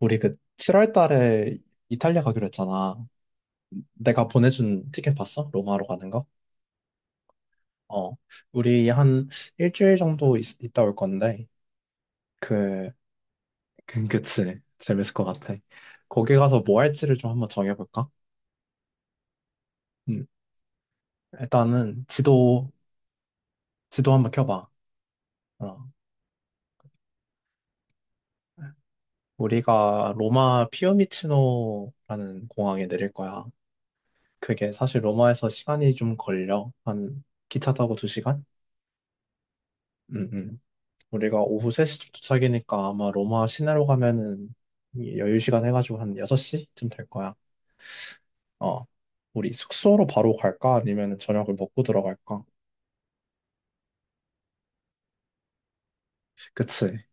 우리 그 7월 달에 이탈리아 가기로 했잖아. 내가 보내준 티켓 봤어? 로마로 가는 거? 어. 우리 한 일주일 정도 다올 건데, 그, 그치. 재밌을 것 같아. 거기 가서 뭐 할지를 좀 한번 정해볼까? 음. 일단은 지도 한번 켜봐. 어. 우리가 로마 피오미치노라는 공항에 내릴 거야. 그게 사실 로마에서 시간이 좀 걸려. 한 기차 타고 두시간. 음, 음. 우리가 오후 3시쯤 도착이니까 아마 로마 시내로 가면은 이 여유 시간 해가지고 한 6시쯤 될 거야. 어. 우리 숙소로 바로 갈까? 아니면 저녁을 먹고 들어갈까? 그치.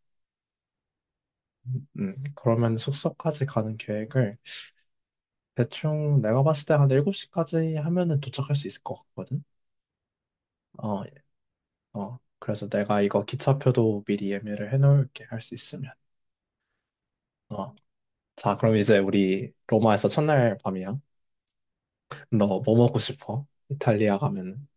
그러면 숙소까지 가는 계획을 대충 내가 봤을 때 한 7시까지 하면은 도착할 수 있을 것 같거든? 어, 어. 그래서 내가 이거 기차표도 미리 예매를 해놓을게, 할 수 있으면. 어. 자, 그럼 이제 우리 로마에서 첫날 밤이야. 너 뭐 먹고 싶어? 이탈리아 가면.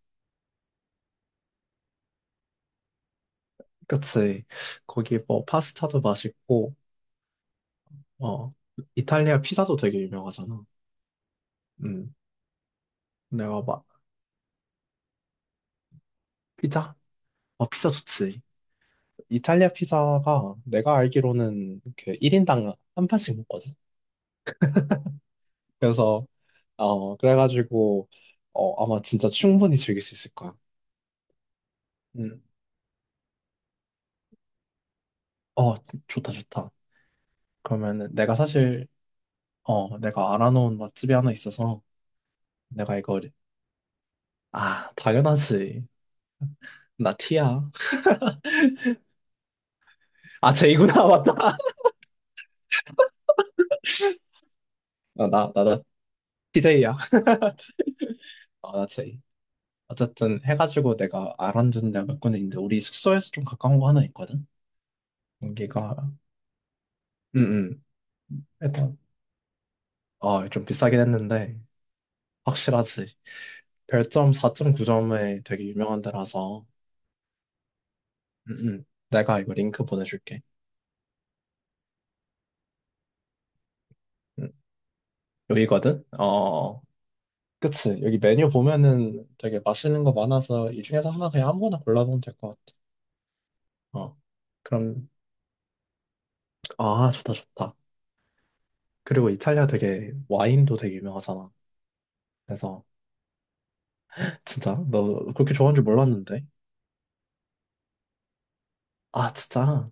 그치. 거기 뭐 파스타도 맛있고, 어, 이탈리아 피자도 되게 유명하잖아. 음, 내가 막, 피자? 어, 피자 좋지. 이탈리아 피자가 내가 알기로는 그 1인당 한 판씩 먹거든. 그래서, 어, 그래가지고, 어, 아마 진짜 충분히 즐길 수 있을 거야. 음, 어, 좋다, 좋다. 그러면은 내가 사실, 어, 내가 알아놓은 맛집이 하나 있어서 내가 이거, 아, 당연하지. 나 티야. 아, 쟤이구나, 맞다. 아, 나 제이야. 아, 나 제이 어쨌든 해가지고 내가 알아준 데가 몇 군데 있는데 우리 숙소에서 좀 가까운 거 하나 있거든? 여기가 응응 일단 어, 좀 비싸긴 했는데 확실하지. 별점 4.9점에 되게 유명한 데라서 응응 내가 이거 링크 보내줄게. 응. 여기거든? 어, 어, 어. 그치. 여기 메뉴 보면은 되게 맛있는 거 많아서 이 중에서 하나 그냥 아무거나 골라보면 될 것 같아. 어, 그럼, 아, 좋다, 좋다. 그리고 이탈리아 되게 와인도 되게 유명하잖아. 그래서 진짜? 너 그렇게 좋아하는 줄 몰랐는데. 아, 진짜?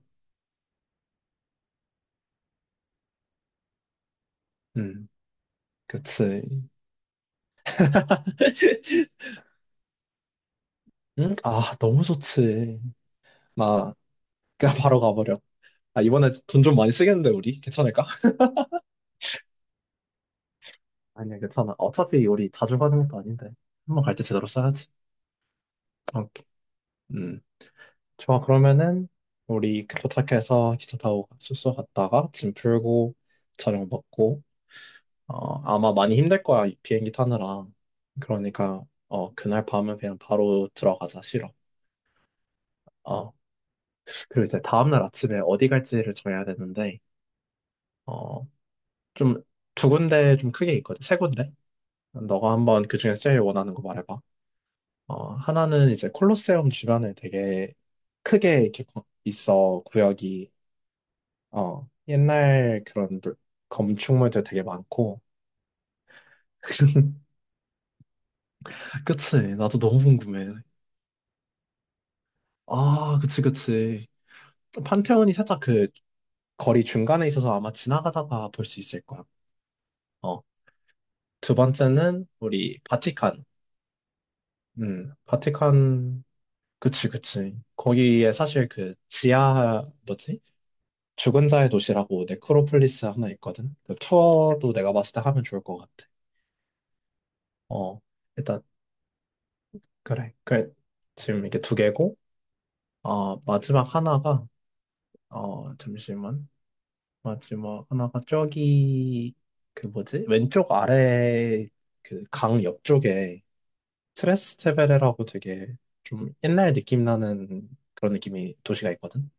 응. 그치. 응? 아, 너무 좋지. 나 그냥 바로 가버려. 아, 이번에 돈 좀 많이 쓰겠는데, 우리? 괜찮을까? 아니야, 괜찮아. 어차피 우리 자주 가는 것도 아닌데. 한 번 갈 때 제대로 써야지. 오케이. 음, 좋아. 그러면은, 우리 그 도착해서 기차 타고 숙소 갔다가 짐 풀고, 저녁 먹고, 어, 아마 많이 힘들 거야, 이 비행기 타느라. 그러니까, 어, 그날 밤은 그냥 바로 들어가자, 싫어. 어, 그리고 이제 다음날 아침에 어디 갈지를 정해야 되는데, 어, 좀 두 군데 좀 크게 있거든, 세 군데? 너가 한번 그중에 제일 원하는 거 말해봐. 어, 하나는 이제 콜로세움 주변에 되게 크게 이렇게 있어, 구역이. 어, 옛날 그런 건축물들 되게 많고. 그치, 나도 너무 궁금해. 아, 그치, 그치. 판테온이 살짝 그 거리 중간에 있어서 아마 지나가다가 볼 수 있을 거야. 어. 두 번째는 우리 바티칸. 바티칸. 그치, 그치. 거기에 사실 그 지하, 뭐지? 죽은 자의 도시라고 네크로폴리스 하나 있거든. 그 투어도 내가 봤을 때 하면 좋을 것 같아. 어, 일단, 그래. 그래. 지금 이게 두 개고, 어, 마지막 하나가, 어, 잠시만. 맞지 뭐 하나가 저기 그 뭐지 왼쪽 아래 그 강 옆쪽에 트레스테베레라고 되게 좀 옛날 느낌 나는 그런 느낌이 도시가 있거든.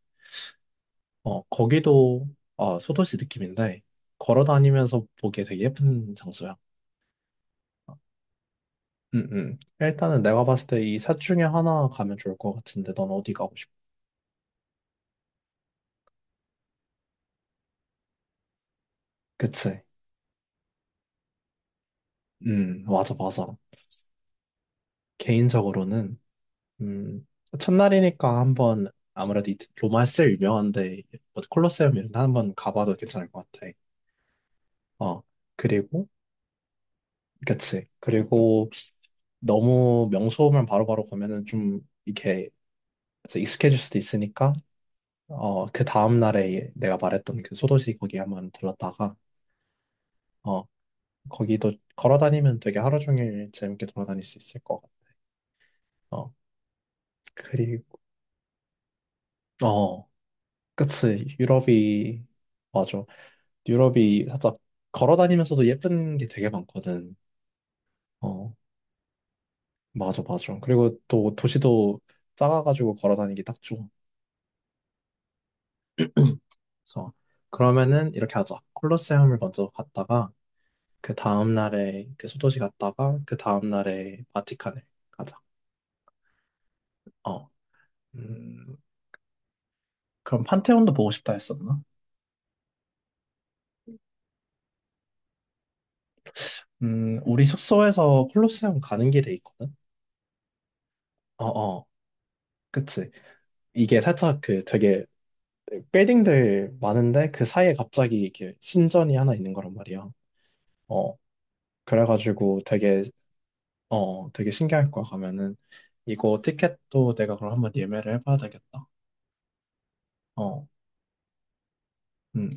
어, 거기도 어, 소도시 느낌인데 걸어 다니면서 보기에 되게 예쁜 장소야. 응응. 일단은 내가 봤을 때 이 셋 중에 하나 가면 좋을 것 같은데 넌 어디 가고 싶어? 그치? 음, 맞아, 맞아. 개인적으로는 음, 첫날이니까 한번 아무래도 로마서 유명한데 뭐 콜로세움 이런 데 한번 가봐도 괜찮을 것 같아. 어, 그리고, 그치, 그리고 너무 명소만 바로바로 가면은 좀 이렇게 그래서 익숙해질 수도 있으니까 어그 다음 날에 내가 말했던 그 소도시 거기 한번 들렀다가 어, 거기도 걸어 다니면 되게 하루 종일 재밌게 돌아다닐 수 있을 것 같아. 어, 그리고, 어, 그치, 유럽이 맞아. 유럽이 살짝 걸어 다니면서도 예쁜 게 되게 많거든. 어, 맞아, 맞아. 그리고 또 도시도 작아가지고 걸어 다니기 딱 좋아. 그래서 그러면은 이렇게 하자. 콜로세움을 먼저 갔다가 그 다음 날에 그 소도시 갔다가 그 다음 날에 바티칸을 가자. 어, 음, 그럼 판테온도 보고 싶다 했었나? 우리 숙소에서 콜로세움 가는 길에 있거든. 어, 어, 그치. 이게 살짝 그 되게 빌딩들 많은데 그 사이에 갑자기 이렇게 신전이 하나 있는 거란 말이야. 어, 그래가지고 되게 신기할 거야, 가면은. 이거 티켓도 내가 그럼 한번 예매를 해봐야 되겠다. 어, 음.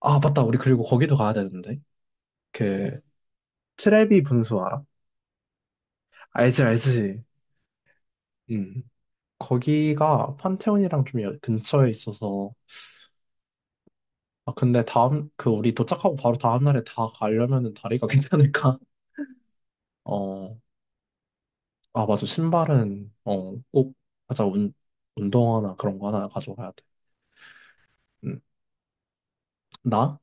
아, 맞다. 우리 그리고 거기도 가야 되는데. 그, 트레비 분수 알아? 알지, 알지. 음. 거기가 판테온이랑 좀 근처에 있어서. 아, 근데 다음, 그, 우리 도착하고 바로 다음날에 다 가려면은 다리가 괜찮을까? 어. 아, 맞아. 신발은, 어, 꼭. 맞아. 운동화나 그런 거 하나 가져가야 돼. 음. 나?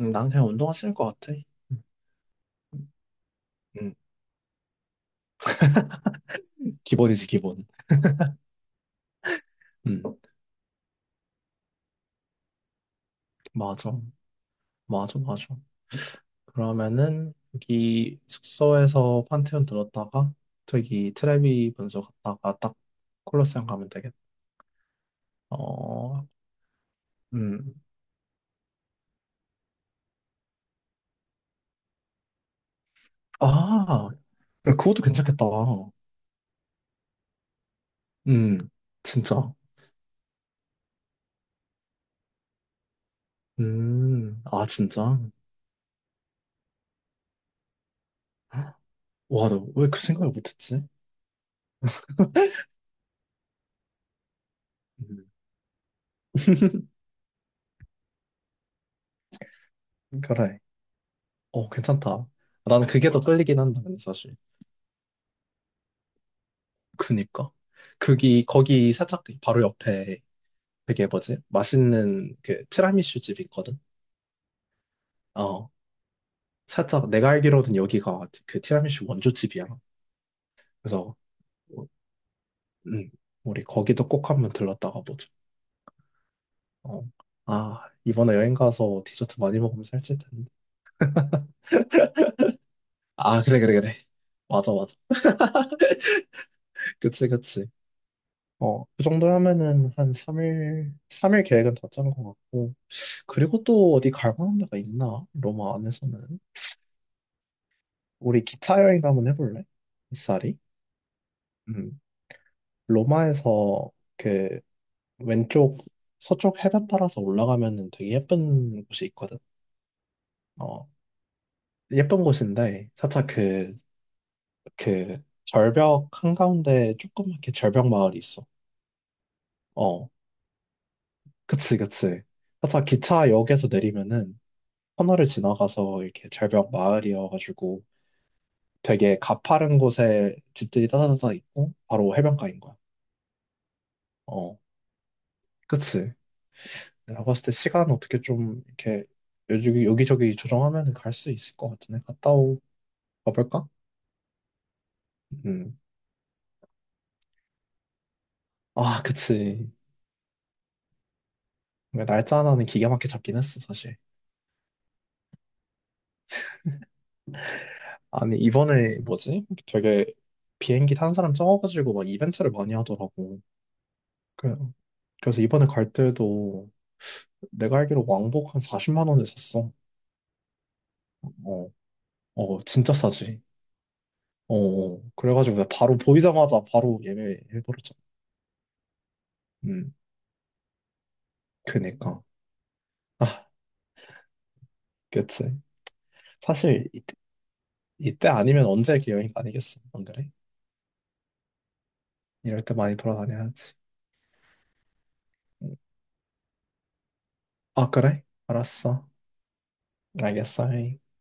난 그냥 운동화 신을 것 같아. 음. 음. 기본이지, 기본. 음. 맞아. 맞아, 맞아. 그러면은, 여기 숙소에서 판테온 들었다가, 저기 트레비 분수 갔다가 딱 콜로세움 가면 되겠다. 어, 음. 아, 그것도 괜찮겠다. 음, 진짜. 아, 진짜. 와, 나 왜 그 생각을 못했지? 음, 그래. 어, 괜찮다. 나는 그게 더 끌리긴 한다, 근데 사실. 그니까. 거기 살짝 바로 옆에 되게 뭐지? 맛있는 그 티라미슈 집이 있거든? 어. 살짝 내가 알기로는 여기가 그 티라미슈 원조 집이야. 그래서, 어, 음, 우리 거기도 꼭 한번 들렀다가 보자. 어. 아, 이번에 여행 가서 디저트 많이 먹으면 살찔 텐데. 아, 그래, 그래, 그래. 맞아, 맞아. 그치, 그치. 어, 그 정도 하면은 한 3일, 3일 계획은 다 짠 것 같고. 그리고 또 어디 갈 만한 데가 있나? 로마 안에서는. 우리 기차 여행 한번 해볼래? 이사리? 음. 로마에서 그 왼쪽 서쪽 해변 따라서 올라가면은 되게 예쁜 곳이 있거든. 어. 예쁜 곳인데 살짝 그 절벽 한가운데 조그맣게 절벽 마을이 있어. 어. 그치, 그치. 살짝 기차역에서 내리면은 터널을 지나가서 이렇게 절벽 마을이어가지고 되게 가파른 곳에 집들이 따다다다 있고 바로 해변가인 거야. 어, 그치. 내가 봤을 때 시간 어떻게 좀 이렇게 여기저기 조정하면 갈 수 있을 것 같은데 갔다 오 가볼까? 음. 아, 그치. 그러니까 날짜 하나는 기가 막히게 잡긴 했어, 사실. 아니, 이번에 뭐지? 되게 비행기 탄 사람 적어가지고 막 이벤트를 많이 하더라고. 그- 그래서 이번에 갈 때도 내가 알기로 왕복 한 40만 원에 샀어. 어, 어, 진짜 싸지. 어, 어. 그래가지고 내가 바로 보이자마자 바로 예매해버렸잖아. 음, 그니까. 아, 그치. 사실 이때 아니면 언제 이렇게 여행 다니겠어. 안 그래? 이럴 때 많이 돌아다녀야지. 음. 아, 그래? 알았어. 알겠어.